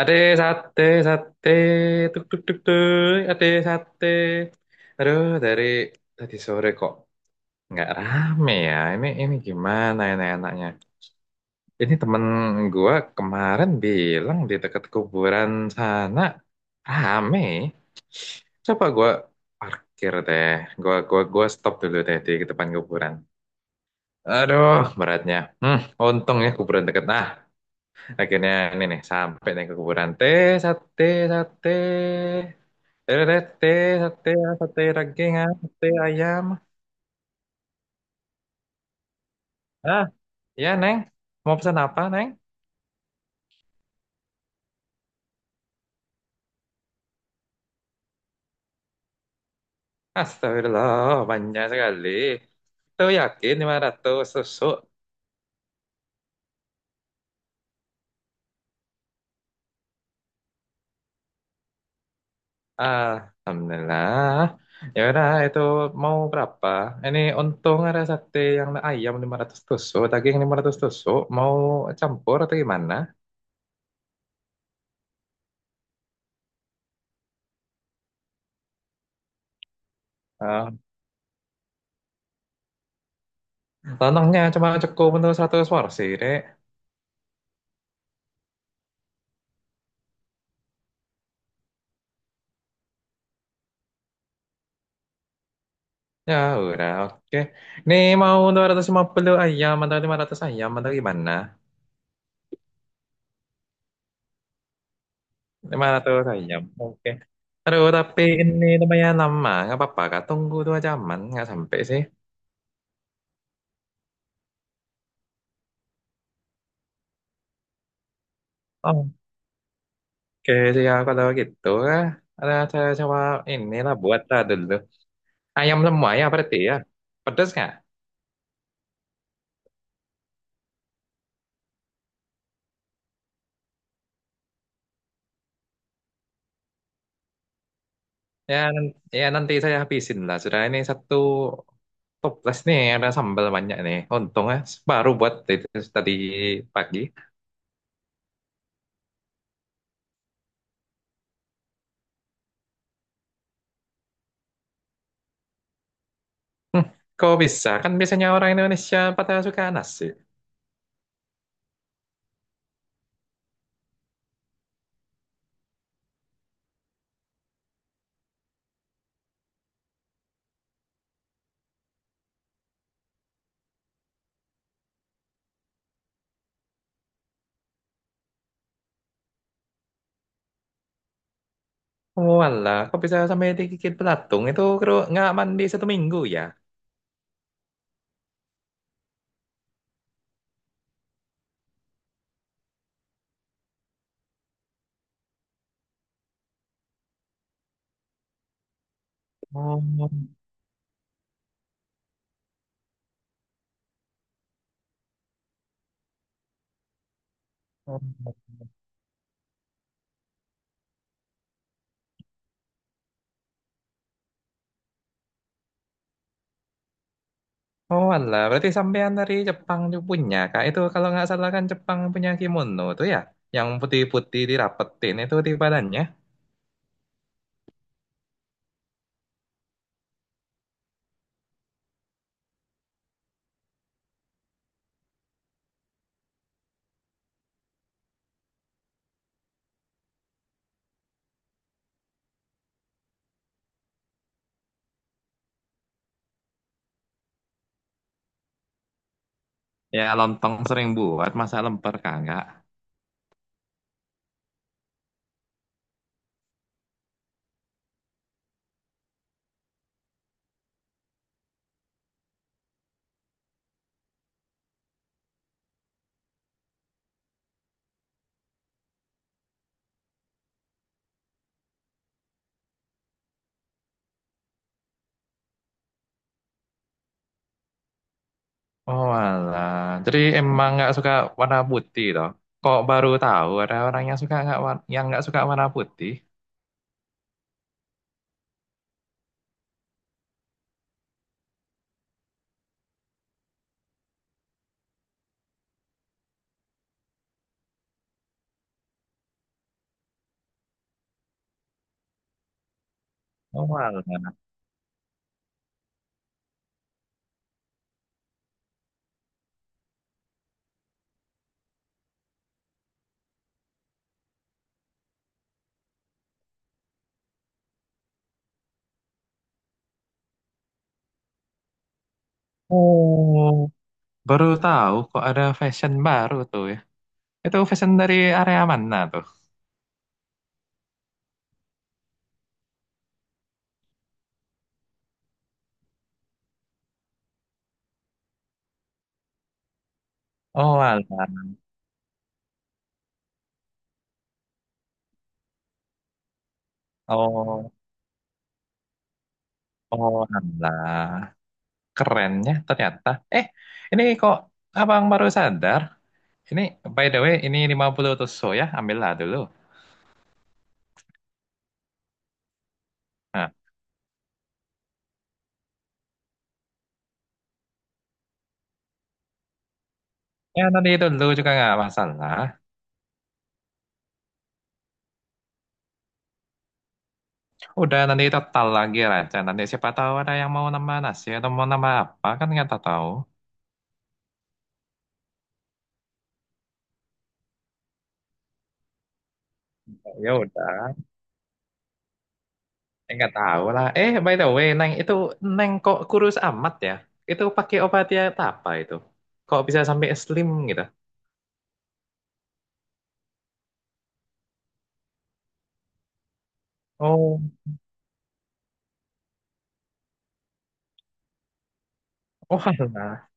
Ade sate, sate, tuk tuk tuk tuk, ade sate. Aduh, dari tadi sore kok nggak rame ya. Ini gimana ini enaknya? Ini temen gua kemarin bilang di dekat kuburan sana rame. Coba gua parkir deh. Gua stop dulu deh di depan kuburan. Aduh, beratnya. Hmm, untung ya kuburan deket. Nah, akhirnya ini nih sampai nih ke kuburan. Teh sate sate. Teh teh sate sate daging ah, sate ayam. Ah, ya Neng. Mau pesan apa Neng? Astagfirullah, banyak sekali. Itu yakin 500 susuk. Ah, Alhamdulillah. Ya udah, itu mau berapa? Ini untung ada sate yang ayam 500 tusuk, daging 500 tusuk. Mau campur atau gimana? Ah. Tanahnya cuma cukup untuk 100 porsi, Dek. Ya udah, oke. Ini mau 250 ayam atau 500 ayam atau gimana? 500 ayam, oke. Aduh, tapi ini lumayan lama. Nggak apa-apa, Kak. Tunggu 2 jaman. Nggak sampai sih. Oke, siap kalau gitu. Kak. Ada saya coba inilah buat lah dulu. Ayam semua ya berarti ya. Pedas nggak? Ya, nanti saya habisin lah. Sudah ini satu toples nih, ada sambal banyak nih. Untungnya baru buat itu tadi pagi. Kok bisa? Kan biasanya orang Indonesia pada suka nasi. Walah, kok bisa sampai digigit belatung? Itu kru nggak mandi 1 minggu ya? Oh, oh walah, berarti sampean dari Jepang juga punya, Kak. Itu kalau nggak salah kan Jepang punya kimono tuh ya? Yang putih-putih dirapetin itu di badannya. Ya, lontong sering buat, masa lemper kagak? Oh alah. Jadi emang nggak suka warna putih toh? Kok baru tahu ada orang yang suka nggak yang nggak suka warna putih? Oh alah. Oh. Baru tahu kok ada fashion baru tuh ya. Itu fashion dari area mana tuh? Oh alah. Oh, oh alah. Kerennya ternyata. Eh, ini kok abang baru sadar? Ini by the way ini 50 tusuk ya, ambillah dulu. Nah, ya nanti itu dulu juga nggak masalah. Udah nanti total lagi aja. Nanti siapa tahu ada yang mau nambah nasi atau mau nambah apa kan nggak tahu. Ya udah, eh, nggak tahu lah. Eh, by the way, Neng itu Neng kok kurus amat ya? Itu pakai obat diet apa itu? Kok bisa sampai slim gitu? Oh, oh alah.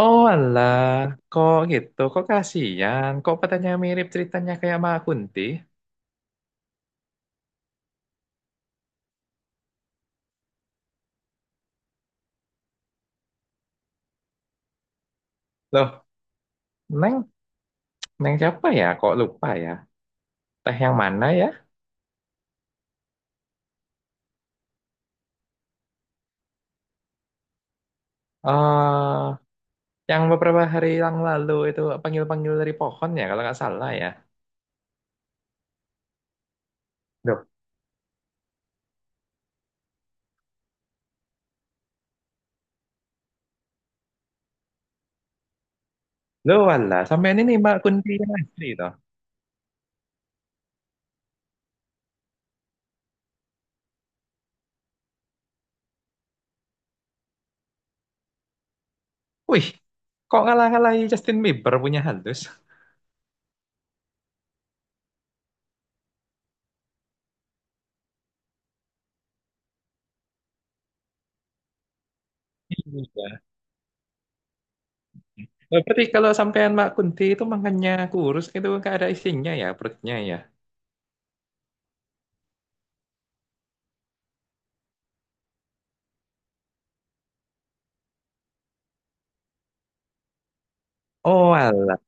Oh alah, kok gitu? Kok kasihan? Kok petanya mirip ceritanya kayak Mbak Kunti? Loh, Neng, Neng siapa ya? Kok lupa ya? Teh yang mana ya? Eh, yang beberapa hari yang lalu itu panggil-panggil dari pohon ya kalau nggak salah ya. Duh, lu walah sampai ini nih Mbak Kunti yang asli toh. Wih, kok ngalah-ngalahi Justin Bieber punya halus? Iya. Nah, berarti kalau sampean Mbak Kunti itu makannya kurus itu nggak ada isinya ya perutnya ya. Oh alah.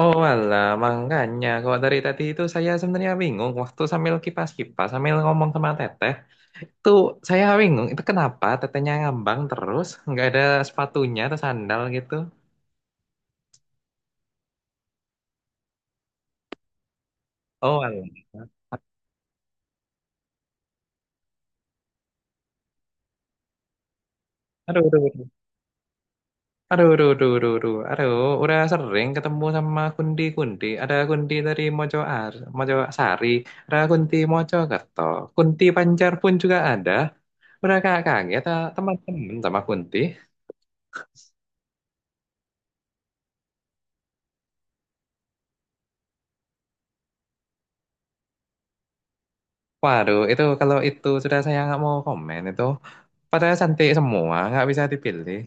Oh alah, makanya kok dari tadi itu saya sebenarnya bingung waktu sambil kipas-kipas sambil ngomong sama Teteh. Tuh saya bingung itu kenapa tetehnya ngambang terus nggak ada sepatunya atau sandal gitu. Oh, alah. Aduh, aduh, aduh, aduh, aduh, aduh, aduh, aduh, aduh. Udah sering ketemu sama kundi-kundi. Ada kundi dari Mojo Sari, ada kundi Mojo Kerto, kundi Pancar pun juga ada. Udah kak kaget ah, teman-teman sama kunti. Waduh, itu kalau itu sudah saya nggak mau komen itu. Padahal cantik semua, nggak bisa dipilih.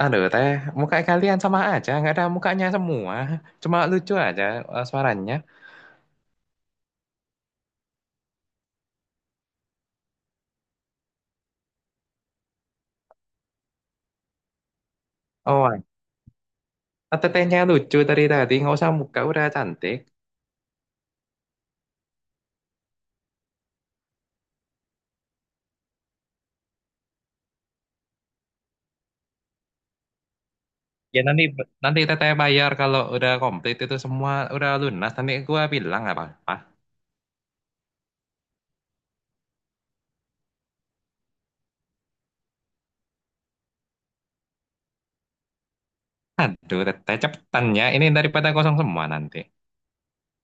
Aduh teh, muka kalian sama aja, nggak ada mukanya semua. Cuma lucu aja eh, suaranya. Oh, tetehnya lucu dari tadi, nggak usah muka, udah cantik. Ya nanti nanti teteh bayar kalau udah komplit itu semua udah lunas. Nanti gua bilang apa apa. Aduh, teteh cepetannya. Ini daripada kosong semua nanti.